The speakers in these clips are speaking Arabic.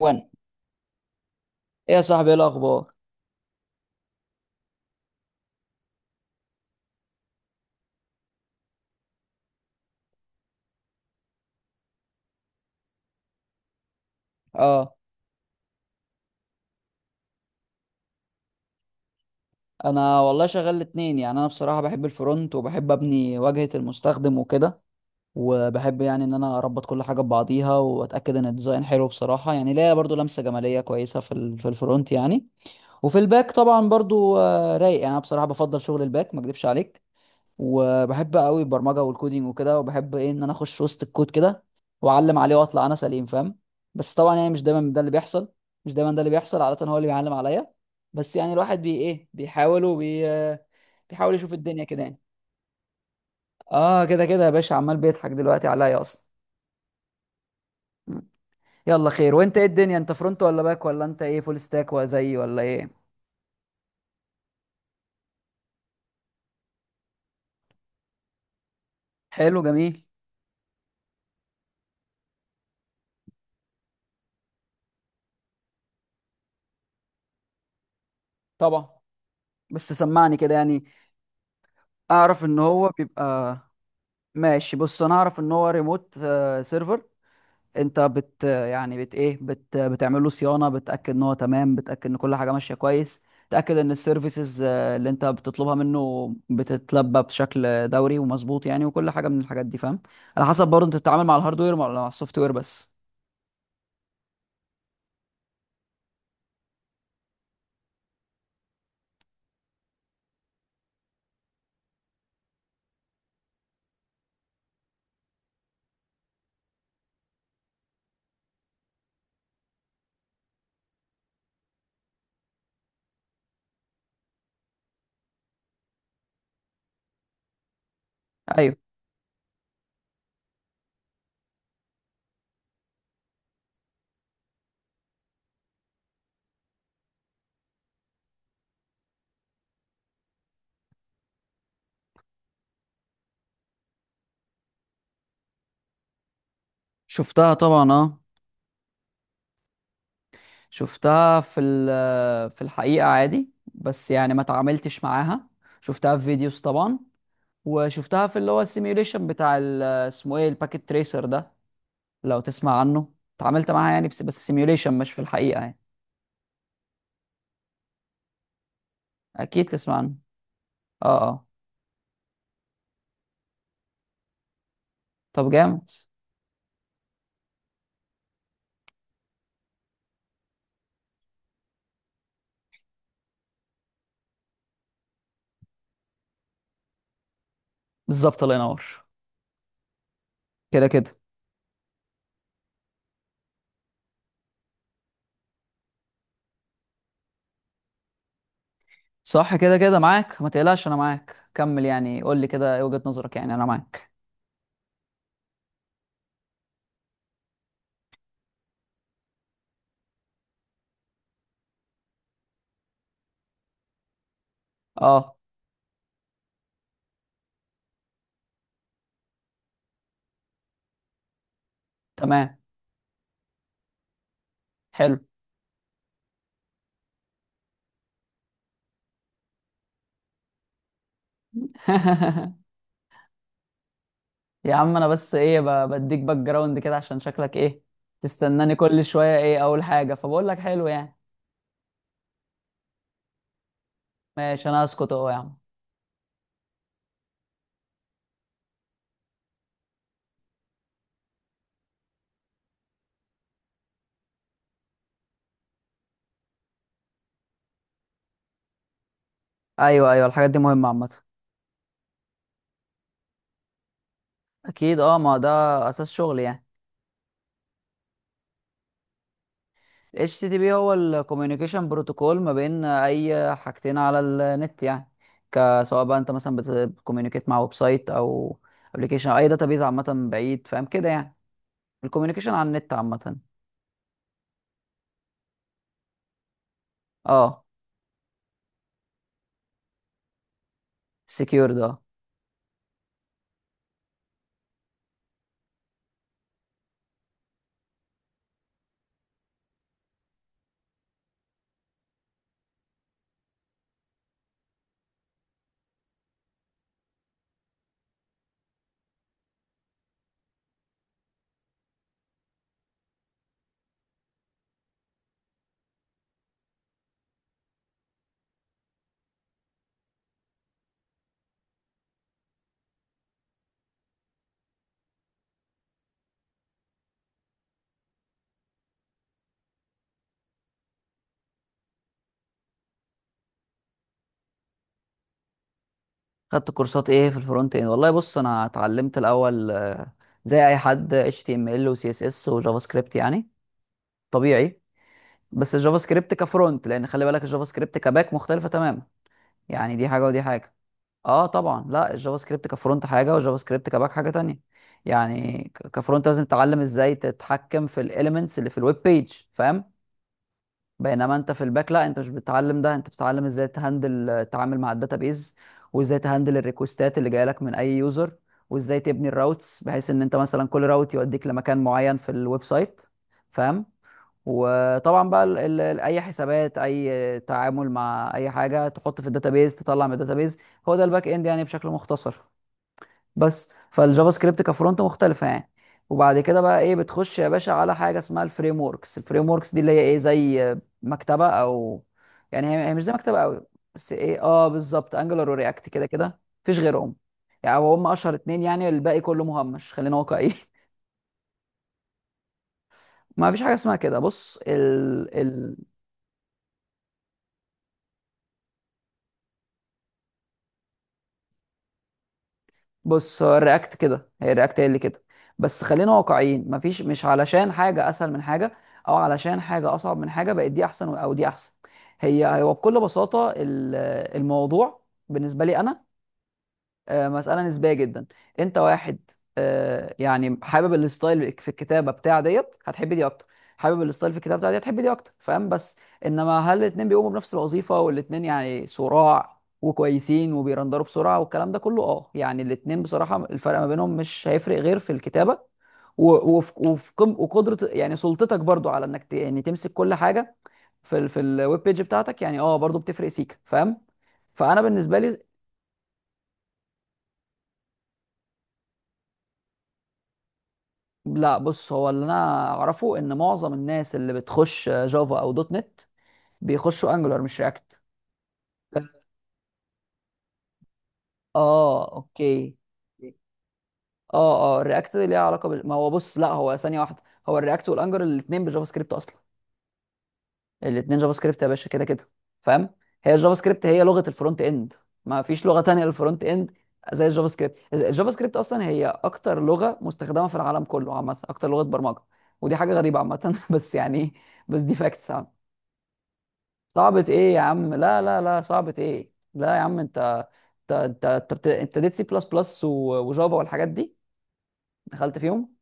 وانا، ايه يا صاحبي؟ ايه الاخبار؟ اه، انا والله شغال الاتنين. يعني انا بصراحه بحب الفرونت، وبحب ابني واجهه المستخدم وكده، وبحب يعني ان انا اربط كل حاجه ببعضيها واتاكد ان الديزاين حلو. بصراحه يعني ليا برضو لمسه جماليه كويسه في ال- في الفرونت يعني. وفي الباك طبعا برضو رايق. يعني انا بصراحه بفضل شغل الباك، ما اكدبش عليك. وبحب قوي البرمجه والكودينج وكده، وبحب ايه ان انا اخش وسط الكود كده واعلم عليه واطلع انا سليم، فاهم؟ بس طبعا يعني مش دايما ده اللي بيحصل. مش دايما ده اللي بيحصل، عاده هو اللي بيعلم عليا. بس يعني الواحد بي ايه بيحاول بيحاول يشوف الدنيا كده يعني. اه، كده كده يا باشا، عمال بيضحك دلوقتي عليا اصلا. مم. يلا خير، وانت ايه الدنيا؟ انت فرونت ولا باك؟ ولا انت ايه، فول ستاك ولا زيي ولا ايه؟ حلو، جميل. طبعا، بس سمعني كده يعني. اعرف ان هو بيبقى، ماشي. بص، انا اعرف ان هو ريموت سيرفر. انت بت يعني بت ايه بت بتعمل له صيانه، بتاكد ان هو تمام، بتاكد ان كل حاجه ماشيه كويس. تاكد ان السيرفيسز اللي انت بتطلبها منه بتتلبى بشكل دوري ومظبوط يعني، وكل حاجه من الحاجات دي، فاهم؟ على حسب برضه، انت بتتعامل مع الهاردوير ولا مع السوفت وير بس؟ ايوه. شفتها طبعا، اه. شفتها في ال- في الحقيقه عادي، بس يعني ما تعاملتش معاها. شفتها في فيديوز طبعا، وشفتها في اللي هو السيميوليشن بتاع اسمه ايه، الباكيت تريسر ده، لو تسمع عنه. اتعاملت معاها يعني، بس بس سيميوليشن، مش في الحقيقة يعني. اكيد تسمع عنه. اه اه. طب جامد. بالظبط، الله ينور. كده كده. صح، كده كده معاك، ما تقلقش انا معاك، كمل يعني، قول لي كده ايه وجهة نظرك، يعني انا معاك. اه. تمام. حلو. يا عم انا بس ايه، بديك باك جراوند كده عشان شكلك ايه تستناني كل شوية. ايه اول حاجة فبقول لك حلو يعني. ماشي انا هسكت اهو يا عم. ايوه ايوه، الحاجات دي مهمه عامه. اكيد اه، ما ده اساس شغل يعني. ال HTTP هو الكوميونيكيشن بروتوكول ما بين اي حاجتين على النت يعني. سواء بقى انت مثلا بتكوميونيكيت مع ويب سايت او ابلكيشن او اي داتابيز عامه بعيد، فاهم كده يعني، الكوميونيكيشن على النت عامه. اه، سكيور ده. خدت كورسات ايه في الفرونت اند؟ والله بص، انا اتعلمت الاول زي اي حد HTML و CSS وجافا سكريبت يعني، طبيعي. بس الجافا سكريبت كفرونت، لان خلي بالك الجافا سكريبت كباك مختلفه تماما. يعني دي حاجه ودي حاجه. اه طبعا، لا الجافا سكريبت كفرونت حاجه، والجافا سكريبت كباك حاجه تانية. يعني كفرونت لازم تتعلم ازاي تتحكم في الاليمنتس اللي في الويب بيج، فاهم؟ بينما انت في الباك لا، انت مش بتتعلم ده، انت بتتعلم ازاي تهندل التعامل مع الداتابيز، وازاي تهندل الريكوستات اللي جايه لك من اي يوزر، وازاي تبني الراوتس بحيث ان انت مثلا كل راوت يوديك لمكان معين في الويب سايت، فاهم؟ وطبعا بقى ال اي حسابات، اي تعامل مع اي حاجه تحط في الداتابيز، تطلع من الداتابيز، هو ده الباك اند يعني بشكل مختصر. بس فالجافا سكريبت كفرونت مختلفه يعني. وبعد كده بقى ايه، بتخش يا باشا على حاجه اسمها الفريم وركس. الفريم وركس دي اللي هي ايه، زي مكتبه، او يعني هي هي مش زي مكتبه قوي. بس ايه اه، بالظبط، انجلر ورياكت كده كده، مفيش غيرهم. يعني هم اشهر اتنين، يعني الباقي كله مهمش، خلينا واقعيين. ما فيش حاجه اسمها كده، بص بص هو الرياكت كده، هي الرياكت هي اللي كده. بس خلينا واقعيين، مفيش مش علشان حاجة أسهل من حاجة أو علشان حاجة أصعب من حاجة بقت دي أحسن أو دي أحسن. هي هو بكل بساطة، الموضوع بالنسبة لي أنا مسألة نسبية جدا. انت واحد يعني حابب الستايل في الكتابة بتاع ديت، هتحب دي اكتر. حابب الستايل في الكتابة بتاع دي، هتحب دي اكتر، فاهم؟ بس انما هل الاتنين بيقوموا بنفس الوظيفة والاتنين يعني صراع وكويسين وبيرندروا بسرعة والكلام ده كله؟ اه يعني الاتنين بصراحة الفرق ما بينهم مش هيفرق غير في الكتابة وقدرة يعني سلطتك برضو على انك يعني تمسك كل حاجة في ال- في الويب بيج بتاعتك، يعني اه برضو بتفرق سيكا، فاهم؟ فانا بالنسبه لي، لا بص هو اللي انا اعرفه ان معظم الناس اللي بتخش جافا او دوت نت بيخشوا انجولار مش رياكت. اه، اوكي. اه اه، الرياكت ليها علاقه بال... ما هو بص، لا هو ثانيه واحده، هو الرياكت والانجولار الاثنين بالجافا سكريبت اصلا. الاثنين جافا سكريبت يا باشا، كده كده، فاهم؟ هي الجافا سكريبت هي لغه الفرونت اند، ما فيش لغه تانية للفرونت اند زي الجافا سكريبت. الجافا سكريبت اصلا هي اكتر لغه مستخدمه في العالم كله، عامه اكتر لغه برمجه. ودي حاجه غريبه عامه. بس يعني بس دي فاكتس. صعبة ايه يا عم؟ لا لا لا، صعبة ايه؟ لا يا عم، انت انت اديت سي بلس بلس وجافا والحاجات دي، دخلت فيهم.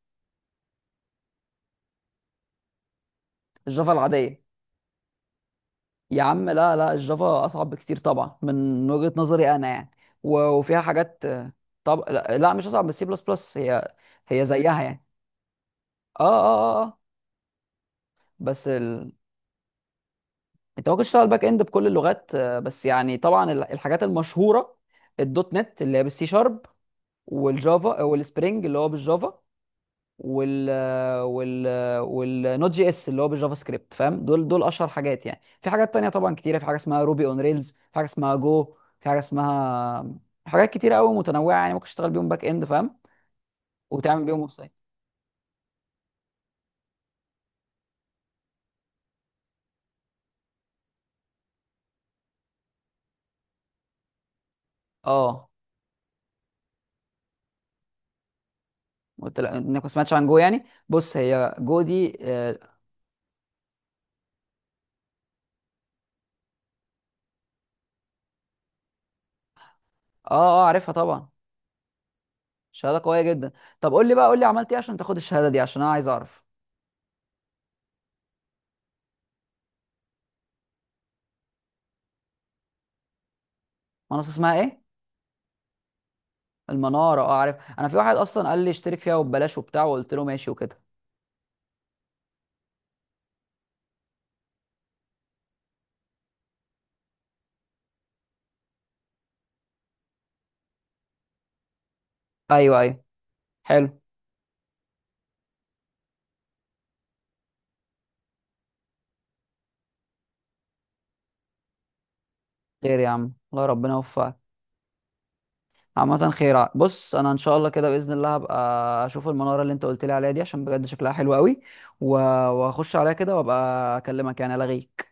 الجافا العادية، يا عم لا لا، الجافا اصعب بكتير طبعا من وجهة نظري انا يعني، وفيها حاجات. طب لا, لا مش اصعب من السي بلس بلس، هي هي زيها يعني. اه اه اه بس ال... انت ممكن تشتغل باك اند بكل اللغات. بس يعني طبعا الحاجات المشهورة، الدوت نت اللي هي بالسي شارب، والجافا والسبرينج اللي هو بالجافا، وال وال والنوت جي اس اللي هو بالجافا سكريبت، فاهم؟ دول دول اشهر حاجات يعني. في حاجات تانية طبعا كتيره، في حاجه اسمها روبي اون ريلز، في حاجه اسمها جو، في حاجه اسمها، حاجات كتيره قوي متنوعه يعني، ممكن تشتغل بيهم باك اند، فاهم؟ وتعمل بيهم ويب سايت. اه، قلت لك انك ما سمعتش عن جو يعني. بص هي جو دي، اه اه عارفها طبعا. شهاده قويه جدا. طب قول لي بقى، قول لي عملت ايه عشان تاخد الشهاده دي، عشان انا عايز اعرف. منصه اسمها ايه؟ المناره، اه عارف. انا في واحد اصلا قال لي اشترك فيها وببلاش وبتاع، وقلت له ماشي وكده. ايوه ايوه. حلو، خير يا عم الله، ربنا يوفقك. عامة خير، بص انا ان شاء الله كده باذن الله هبقى اشوف المنارة اللي انت قلت لي عليها دي، عشان بجد شكلها حلو قوي. و- واخش عليها كده وابقى اكلمك يعني، الغيك.